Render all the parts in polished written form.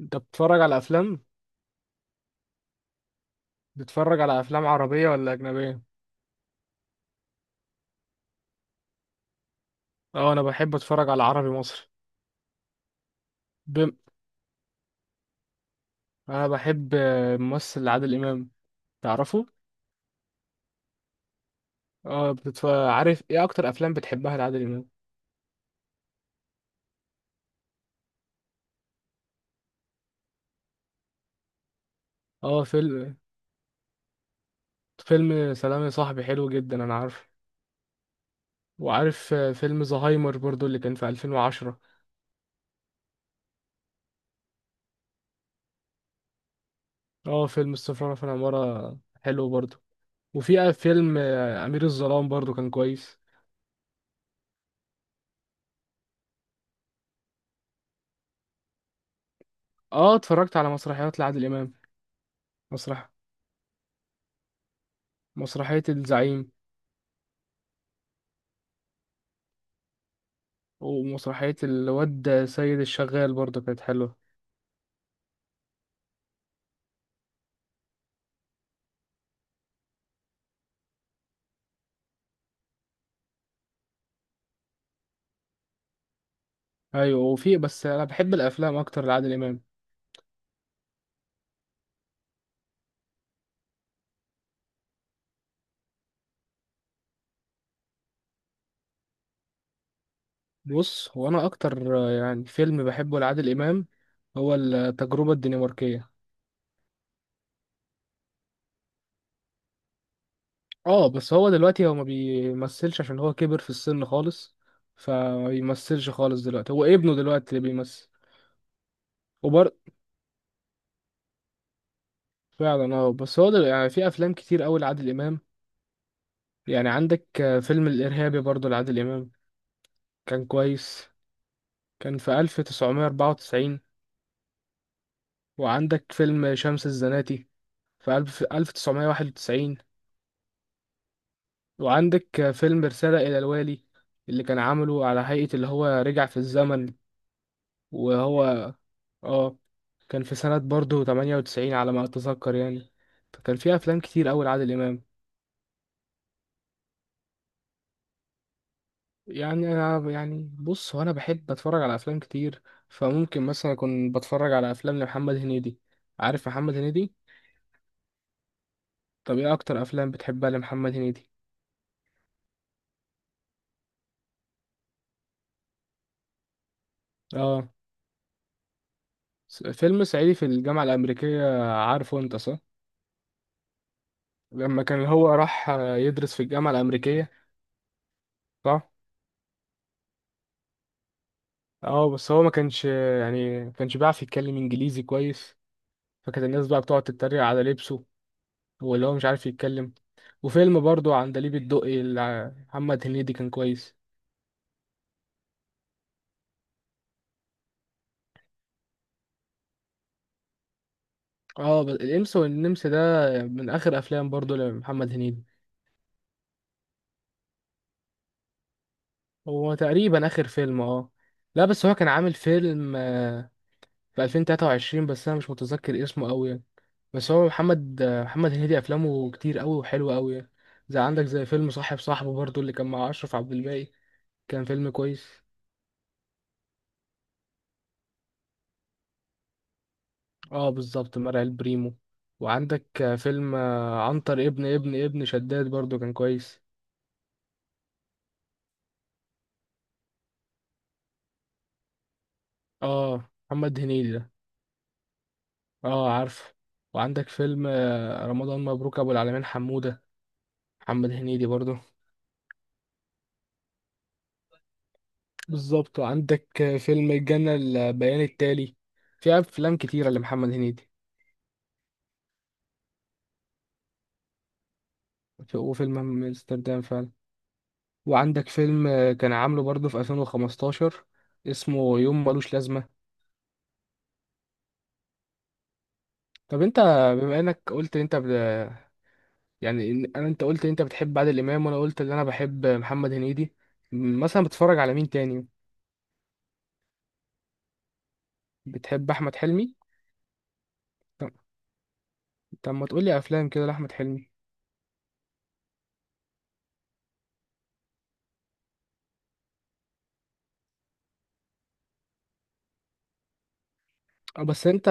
انت بتتفرج على افلام؟ بتتفرج على افلام عربيه ولا اجنبيه؟ اه، انا بحب اتفرج على عربي مصري. بم... انا بحب الممثل عادل امام. تعرفه؟ اه، عارف ايه اكتر افلام بتحبها لعادل امام؟ اه، فيلم سلام يا صاحبي حلو جدا، انا عارف. وعارف فيلم زهايمر برضو اللي كان في 2010. اه، فيلم السفارة في العمارة حلو برضو. وفي فيلم امير الظلام برضو كان كويس. اه، اتفرجت على مسرحيات لعادل امام. مسرح مسرحية الزعيم. ومسرحية الواد سيد الشغال برضه كانت حلوة. أيوة، وفي بس أنا بحب الأفلام أكتر لعادل إمام. بص، هو أنا أكتر يعني فيلم بحبه لعادل إمام هو التجربة الدنماركية. اه بس هو دلوقتي هو ما بيمثلش عشان هو كبر في السن خالص. فما بيمثلش خالص دلوقتي، هو ابنه دلوقتي اللي بيمثل. وبر فعلا. اه بس هو يعني في أفلام كتير أوي لعادل إمام. يعني عندك فيلم الإرهابي برضه لعادل إمام، كان كويس. كان في 1994. وعندك فيلم شمس الزناتي في 1991. وعندك فيلم رسالة إلى الوالي اللي كان عامله على هيئة اللي هو رجع في الزمن. وهو، اه، كان في سنة برضه 98 على ما أتذكر يعني. فكان في أفلام كتير أوي لعادل إمام. يعني أنا، يعني بص هو أنا بحب أتفرج على أفلام كتير. فممكن مثلا أكون بتفرج على أفلام لمحمد هنيدي. عارف محمد هنيدي؟ طب إيه أكتر أفلام بتحبها لمحمد هنيدي؟ اه، فيلم صعيدي في الجامعة الأمريكية، عارفه أنت، صح؟ لما كان هو راح يدرس في الجامعة الأمريكية. صح؟ اه بس هو ما كانش، يعني ما كانش بيعرف يتكلم إنجليزي كويس. فكانت الناس بقى بتقعد تتريق على لبسه. واللي هو مش عارف يتكلم. وفيلم برضو عندليب الدقي اللي محمد هنيدي كان كويس. اه بس الإنس والنمس ده من آخر أفلام برضو لمحمد هنيدي. هو تقريبا آخر فيلم، اه. لا بس هو كان عامل فيلم في 2023، بس انا مش متذكر اسمه قوي يعني. بس هو محمد هنيدي افلامه كتير قوي وحلوه قوي يعني. زي فيلم صاحب صاحبه برضو اللي كان مع اشرف عبد الباقي. كان فيلم كويس. اه، بالظبط، مرعي البريمو. وعندك فيلم عنتر ابن شداد برضو كان كويس. اه، محمد هنيدي ده. اه، عارف. وعندك فيلم رمضان مبروك ابو العالمين حمودة، محمد هنيدي برضو. بالظبط. وعندك فيلم الجنة البيان التالي. في أفلام كتيرة لمحمد هنيدي. وفيلم همام في أمستردام فعلا. وعندك فيلم كان عامله برضه في 2015، اسمه يوم ملوش لازمة. طب أنت، بما إنك قلت إن أنت يعني إن أنت قلت إن أنت بتحب عادل إمام وأنا قلت إن أنا بحب محمد هنيدي، مثلا بتتفرج على مين تاني؟ بتحب أحمد حلمي؟ طب، ما تقولي أفلام كده لأحمد حلمي. أه، بس أنت،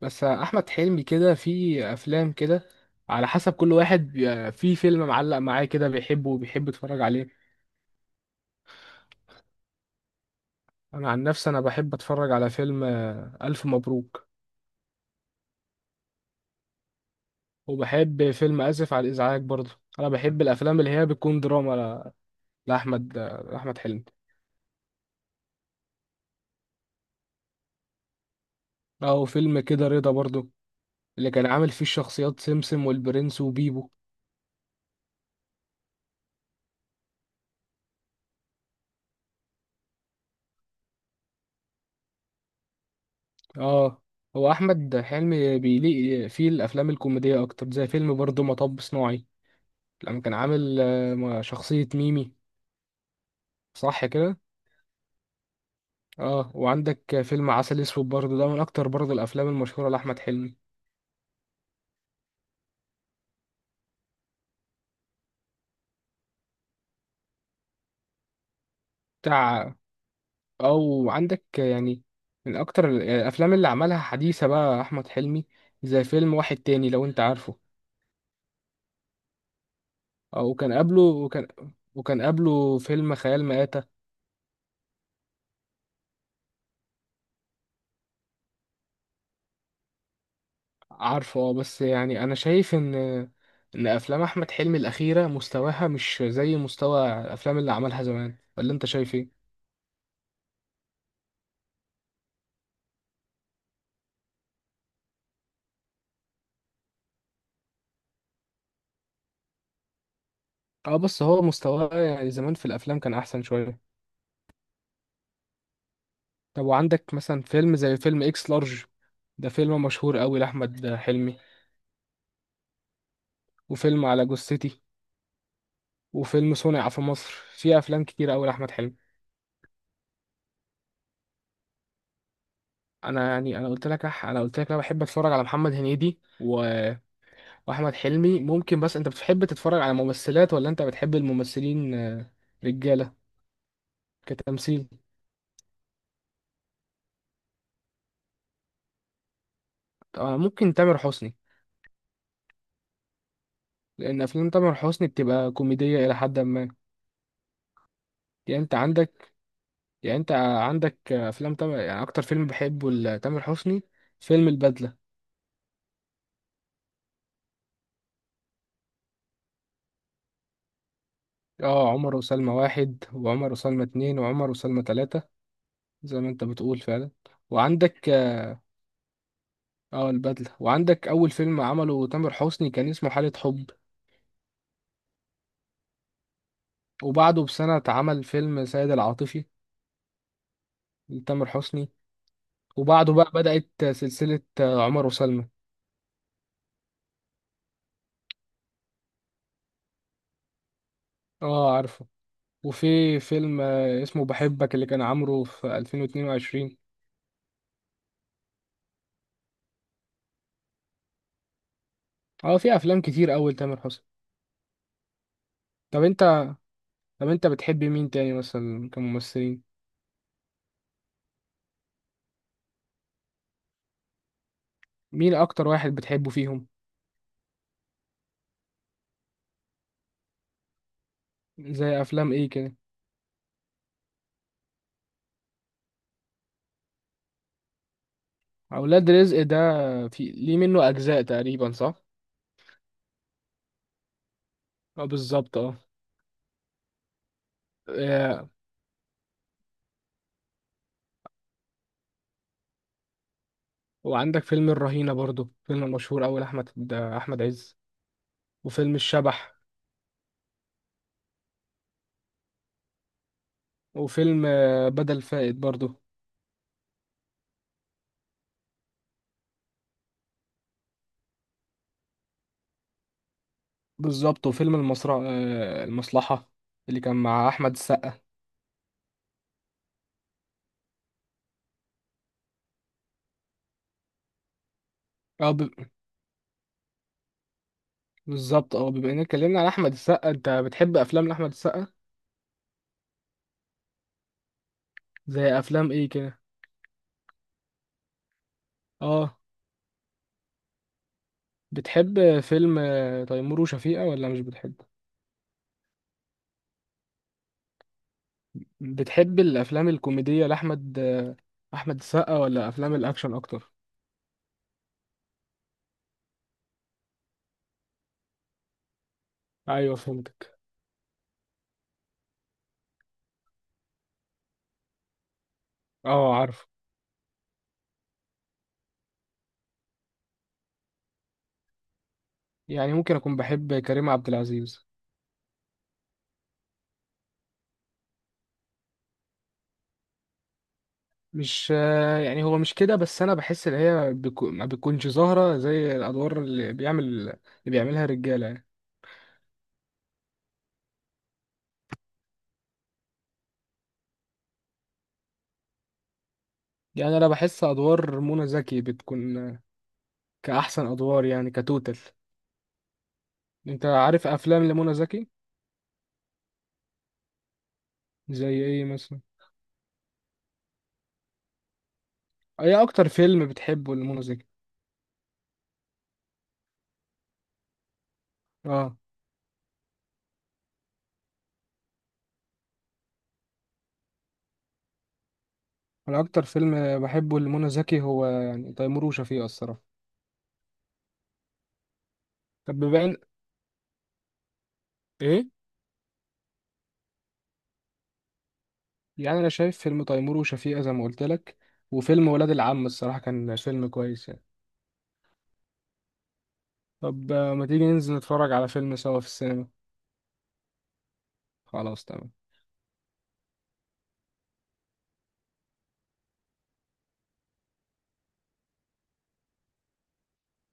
بس احمد حلمي كده في افلام كده، على حسب كل واحد في فيلم معلق معاه كده، بيحبه وبيحب يتفرج عليه. انا عن نفسي، انا بحب اتفرج على فيلم الف مبروك. وبحب فيلم اسف على الازعاج برضه. انا بحب الافلام اللي هي بتكون دراما لاحمد حلمي. او فيلم كده، رضا برضه، اللي كان عامل فيه الشخصيات سمسم والبرنس وبيبو. اه، هو احمد حلمي بيليق فيه الافلام الكوميديه اكتر، زي فيلم برضه مطب صناعي، لما كان عامل شخصية ميمي. صح كده؟ اه، وعندك فيلم عسل اسود برضه، ده من اكتر برضه الافلام المشهورة لأحمد حلمي. بتاع او عندك يعني، من اكتر يعني الافلام اللي عملها حديثة بقى احمد حلمي، زي فيلم واحد تاني، لو انت عارفه. اه، وكان قبله فيلم خيال مآتة. عارفه. اه بس يعني انا شايف ان افلام احمد حلمي الاخيرة مستواها مش زي مستوى الافلام اللي عملها زمان، ولا انت شايف ايه؟ اه بس هو مستواه يعني زمان في الافلام كان احسن شويه. طب، وعندك مثلا فيلم زي فيلم اكس لارج. ده فيلم مشهور قوي لاحمد حلمي. وفيلم على جثتي. وفيلم صنع في مصر. في افلام كتير قوي لاحمد حلمي. انا يعني، انا قلت لك، انا قلت لك انا بحب اتفرج على محمد هنيدي واحمد حلمي ممكن. بس انت بتحب تتفرج على ممثلات ولا انت بتحب الممثلين رجاله، كتمثيل؟ طب، أنا ممكن تامر حسني. لان افلام تامر حسني بتبقى كوميديه الى حد ما. يعني انت عندك يعني انت عندك افلام تامر، يعني اكتر فيلم بحبه لتامر حسني فيلم البدلة. اه، عمر وسلمى واحد، وعمر وسلمى اتنين، وعمر وسلمى تلاتة، زي ما انت بتقول فعلا. وعندك، اه، البدلة. وعندك اول فيلم عمله تامر حسني كان اسمه حالة حب. وبعده بسنة اتعمل فيلم سيد العاطفي لتامر حسني. وبعده بقى بدأت سلسلة عمر وسلمى. اه، عارفه. وفي فيلم اسمه بحبك اللي كان عامله في 2022. اه، في افلام كتير اول تامر حسني. طب انت طب انت بتحب مين تاني مثلا كممثلين؟ مين اكتر واحد بتحبه فيهم؟ زي افلام ايه كده؟ اولاد رزق ده، في ليه منه اجزاء تقريبا، صح؟ اه، بالظبط، اه. اه، وعندك فيلم الرهينة برضو، فيلم مشهور اوي، احمد عز. وفيلم الشبح. وفيلم بدل فائد برضو. بالظبط. وفيلم المصرع اه، المصلحة اللي كان مع احمد السقا. اه، بالظبط. اه، بما اننا اتكلمنا عن احمد السقا، انت بتحب افلام احمد السقا؟ زي افلام ايه كده؟ اه، بتحب فيلم تيمور وشفيقة ولا مش بتحبه؟ بتحب الافلام الكوميدية لاحمد آه، احمد السقا ولا افلام الاكشن اكتر؟ ايوه، فهمتك. اه، عارف. يعني ممكن اكون بحب كريم عبد العزيز. مش يعني هو مش كده، بس انا بحس ان هي ما بتكونش ظاهرة زي الادوار اللي بيعملها الرجالة يعني. يعني انا بحس ادوار منى زكي بتكون كاحسن ادوار يعني، كتوتال. انت عارف افلام لمنى زكي؟ زي ايه مثلا؟ ايه اكتر فيلم بتحبه لمنى زكي؟ اه، انا اكتر فيلم بحبه لمنى زكي هو يعني تيمور وشفيقة، الصراحه. طب، بما ان ايه. يعني انا شايف فيلم تيمور وشفيقة زي ما قلت لك، وفيلم ولاد العم، الصراحه كان فيلم كويس يعني. طب، ما تيجي ننزل نتفرج على فيلم سوا في السينما؟ خلاص، تمام.